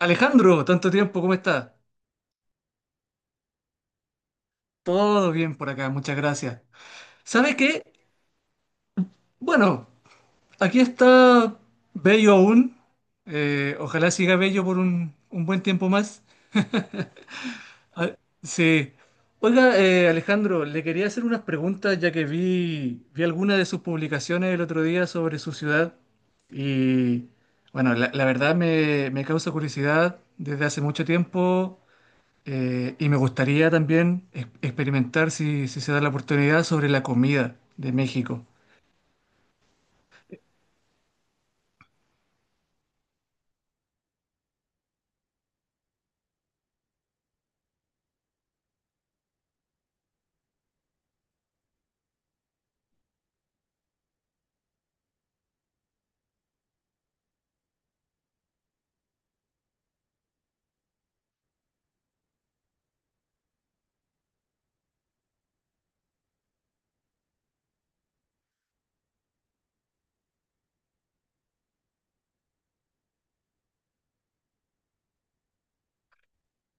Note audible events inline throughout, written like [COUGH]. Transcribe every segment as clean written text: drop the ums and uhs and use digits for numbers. Alejandro, tanto tiempo, ¿cómo estás? Todo bien por acá, muchas gracias. ¿Sabes qué? Bueno, aquí está bello aún. Ojalá siga bello por un buen tiempo más. Sí. Oiga, Alejandro, le quería hacer unas preguntas ya que vi algunas de sus publicaciones el otro día sobre su ciudad y, bueno, la verdad me causa curiosidad desde hace mucho tiempo. Y me gustaría también experimentar, si se da la oportunidad, sobre la comida de México.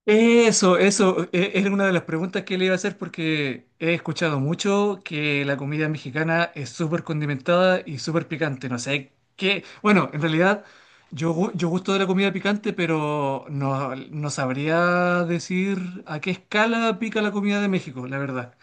Era una de las preguntas que le iba a hacer porque he escuchado mucho que la comida mexicana es súper condimentada y súper picante. No sé qué. Bueno, en realidad yo gusto de la comida picante, pero no, no sabría decir a qué escala pica la comida de México, la verdad.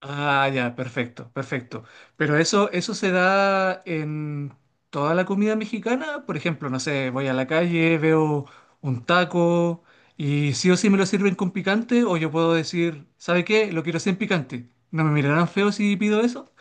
Ah, ya, perfecto, perfecto. Pero eso se da en toda la comida mexicana. Por ejemplo, no sé, voy a la calle, veo un taco y sí o sí me lo sirven con picante o yo puedo decir, ¿sabe qué? Lo quiero sin picante. ¿No me mirarán feo si pido eso?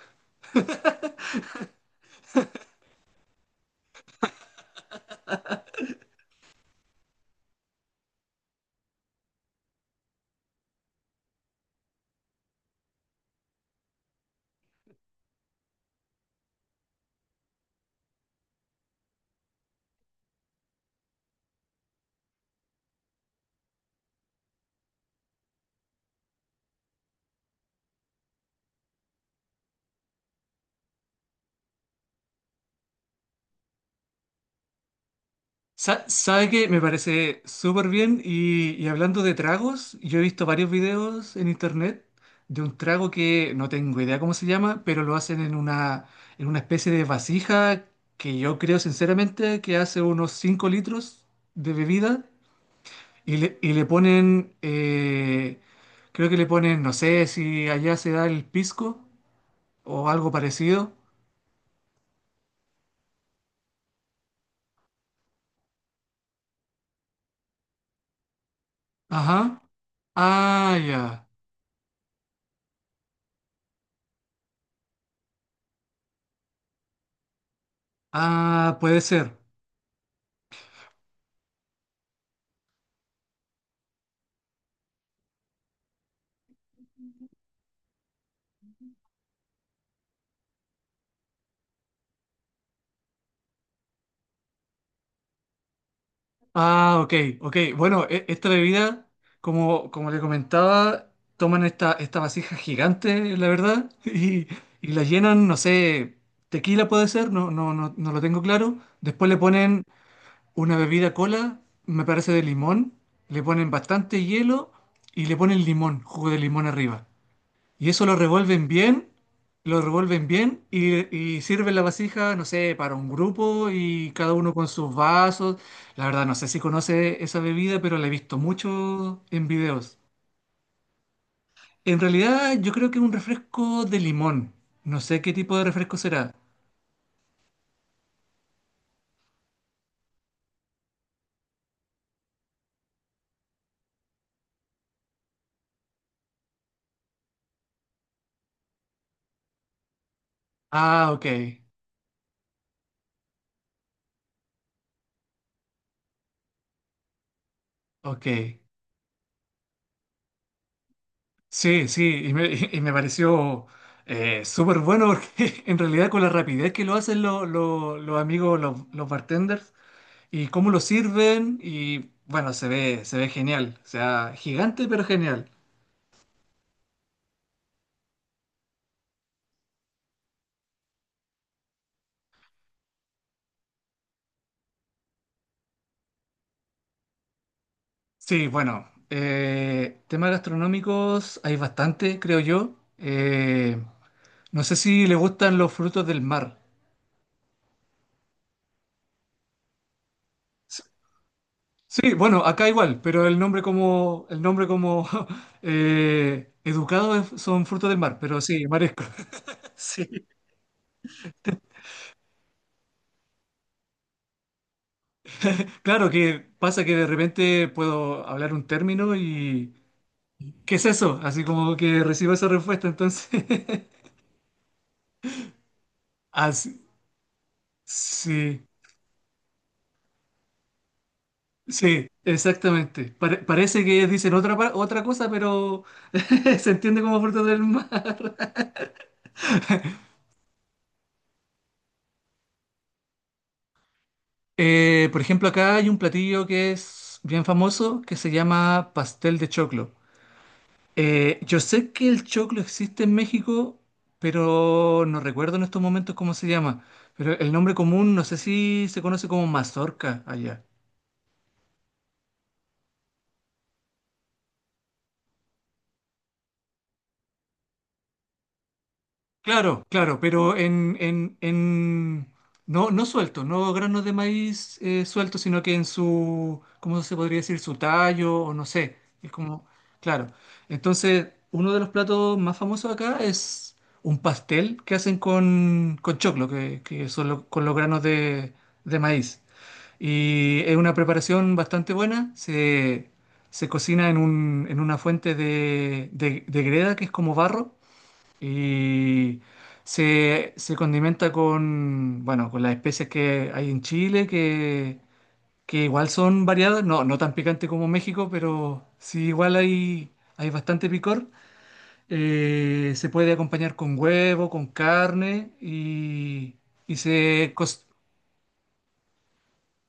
¿Sabe que me parece súper bien? Y hablando de tragos, yo he visto varios videos en internet de un trago que no tengo idea cómo se llama, pero lo hacen en en una especie de vasija que yo creo sinceramente que hace unos 5 litros de bebida y y le ponen, creo que le ponen, no sé si allá se da el pisco o algo parecido. Ajá. Ah, ya. Ah, puede ser. Ah, ok, ok. Bueno, esta bebida, como le comentaba, toman esta vasija gigante, la verdad, [LAUGHS] y la llenan, no sé, tequila puede ser, no, no, no, no lo tengo claro. Después le ponen una bebida cola, me parece de limón, le ponen bastante hielo y le ponen limón, jugo de limón arriba. Y eso lo revuelven bien y sirven la vasija, no sé, para un grupo y cada uno con sus vasos. La verdad, no sé si conoce esa bebida, pero la he visto mucho en videos. En realidad, yo creo que es un refresco de limón. No sé qué tipo de refresco será. Ah, ok, ok. Sí, sí, y me, [LAUGHS] y me pareció súper bueno porque [LAUGHS] en realidad con la rapidez que lo hacen los amigos, los bartenders, y cómo lo sirven y bueno, se ve genial, o sea, gigante pero genial. Sí, bueno, temas gastronómicos hay bastante, creo yo. No sé si le gustan los frutos del mar. S- Sí, bueno, acá igual, pero el nombre como [LAUGHS] educado son frutos del mar, pero sí, marisco. [LAUGHS] Sí. Claro que pasa que de repente puedo hablar un término y ¿qué es eso? Así como que recibo esa respuesta, entonces. [LAUGHS] Así, sí, sí, sí, exactamente. Parece que ellos dicen otra, otra cosa, pero [LAUGHS] se entiende como fruta del mar. Por ejemplo, acá hay un platillo que es bien famoso que se llama pastel de choclo. Yo sé que el choclo existe en México, pero no recuerdo en estos momentos cómo se llama. Pero el nombre común, no sé si se conoce como mazorca allá. Claro, claro, pero no, no suelto, no granos de maíz suelto, sino que en su, ¿cómo se podría decir? Su tallo, o no sé. Es como, claro. Entonces, uno de los platos más famosos acá es un pastel que hacen con choclo, que con los granos de maíz. Y es una preparación bastante buena. Se cocina en un, en una fuente de, de greda, que es como barro y se condimenta con, bueno, con las especias que hay en Chile, que igual son variadas, no, no tan picante como México, pero sí igual hay, hay bastante picor. Se puede acompañar con huevo, con carne y, y se, cos-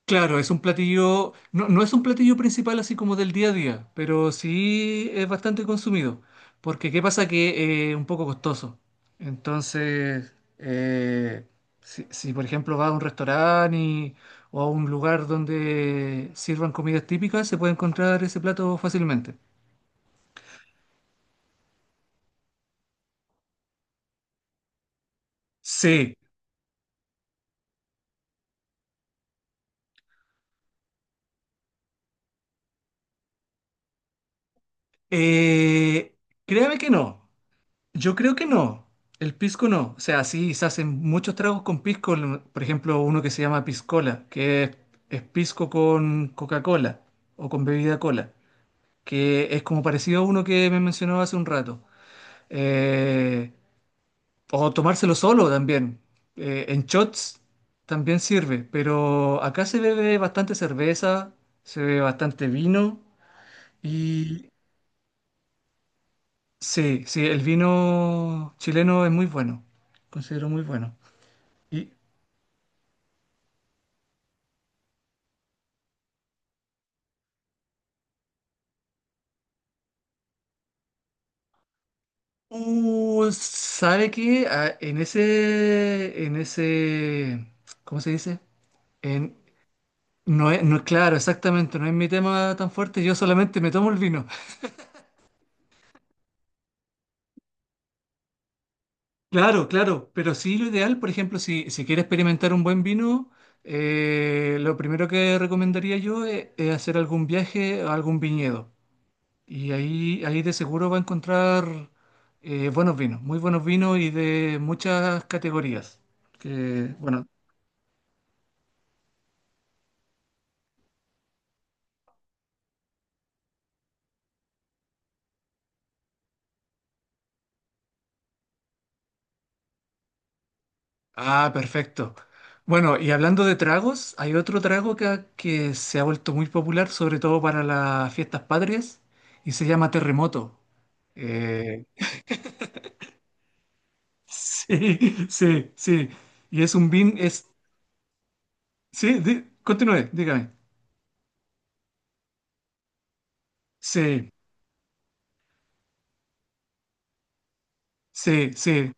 Claro, es un platillo, no, no es un platillo principal así como del día a día, pero sí es bastante consumido, porque qué pasa que es un poco costoso. Entonces, si, si, por ejemplo vas a un restaurante o a un lugar donde sirvan comidas típicas, se puede encontrar ese plato fácilmente. Sí, eh, créame que no. Yo creo que no. El pisco no. O sea, sí, se hacen muchos tragos con pisco. Por ejemplo, uno que se llama piscola, es pisco con Coca-Cola o con bebida cola, que es como parecido a uno que me mencionaba hace un rato. Eh, o tomárselo solo también. En shots también sirve, pero acá se bebe bastante cerveza, se bebe bastante vino y sí, sí, el vino chileno es muy bueno. Considero muy bueno. Y, ¿sabe qué? Ah, en ese, ¿cómo se dice? En, no es, no, claro, exactamente, no es mi tema tan fuerte, yo solamente me tomo el vino. [LAUGHS] Claro, claro, pero sí lo ideal, por ejemplo, si quiere experimentar un buen vino, lo primero que recomendaría yo es hacer algún viaje a algún viñedo. Y ahí de seguro va a encontrar buenos vinos, muy buenos vinos y de muchas categorías. Que, bueno, ah, perfecto. Bueno, y hablando de tragos, hay otro trago que se ha vuelto muy popular, sobre todo para las fiestas patrias, y se llama terremoto. Eh, [LAUGHS] sí, sí, sí. Y es es, sí, continúe, dígame. Sí, sí, sí,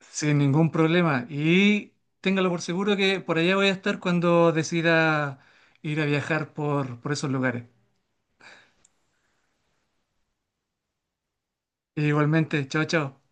sin ningún problema. Y téngalo por seguro que por allá voy a estar cuando decida ir a viajar por esos lugares. Igualmente, chao, chao.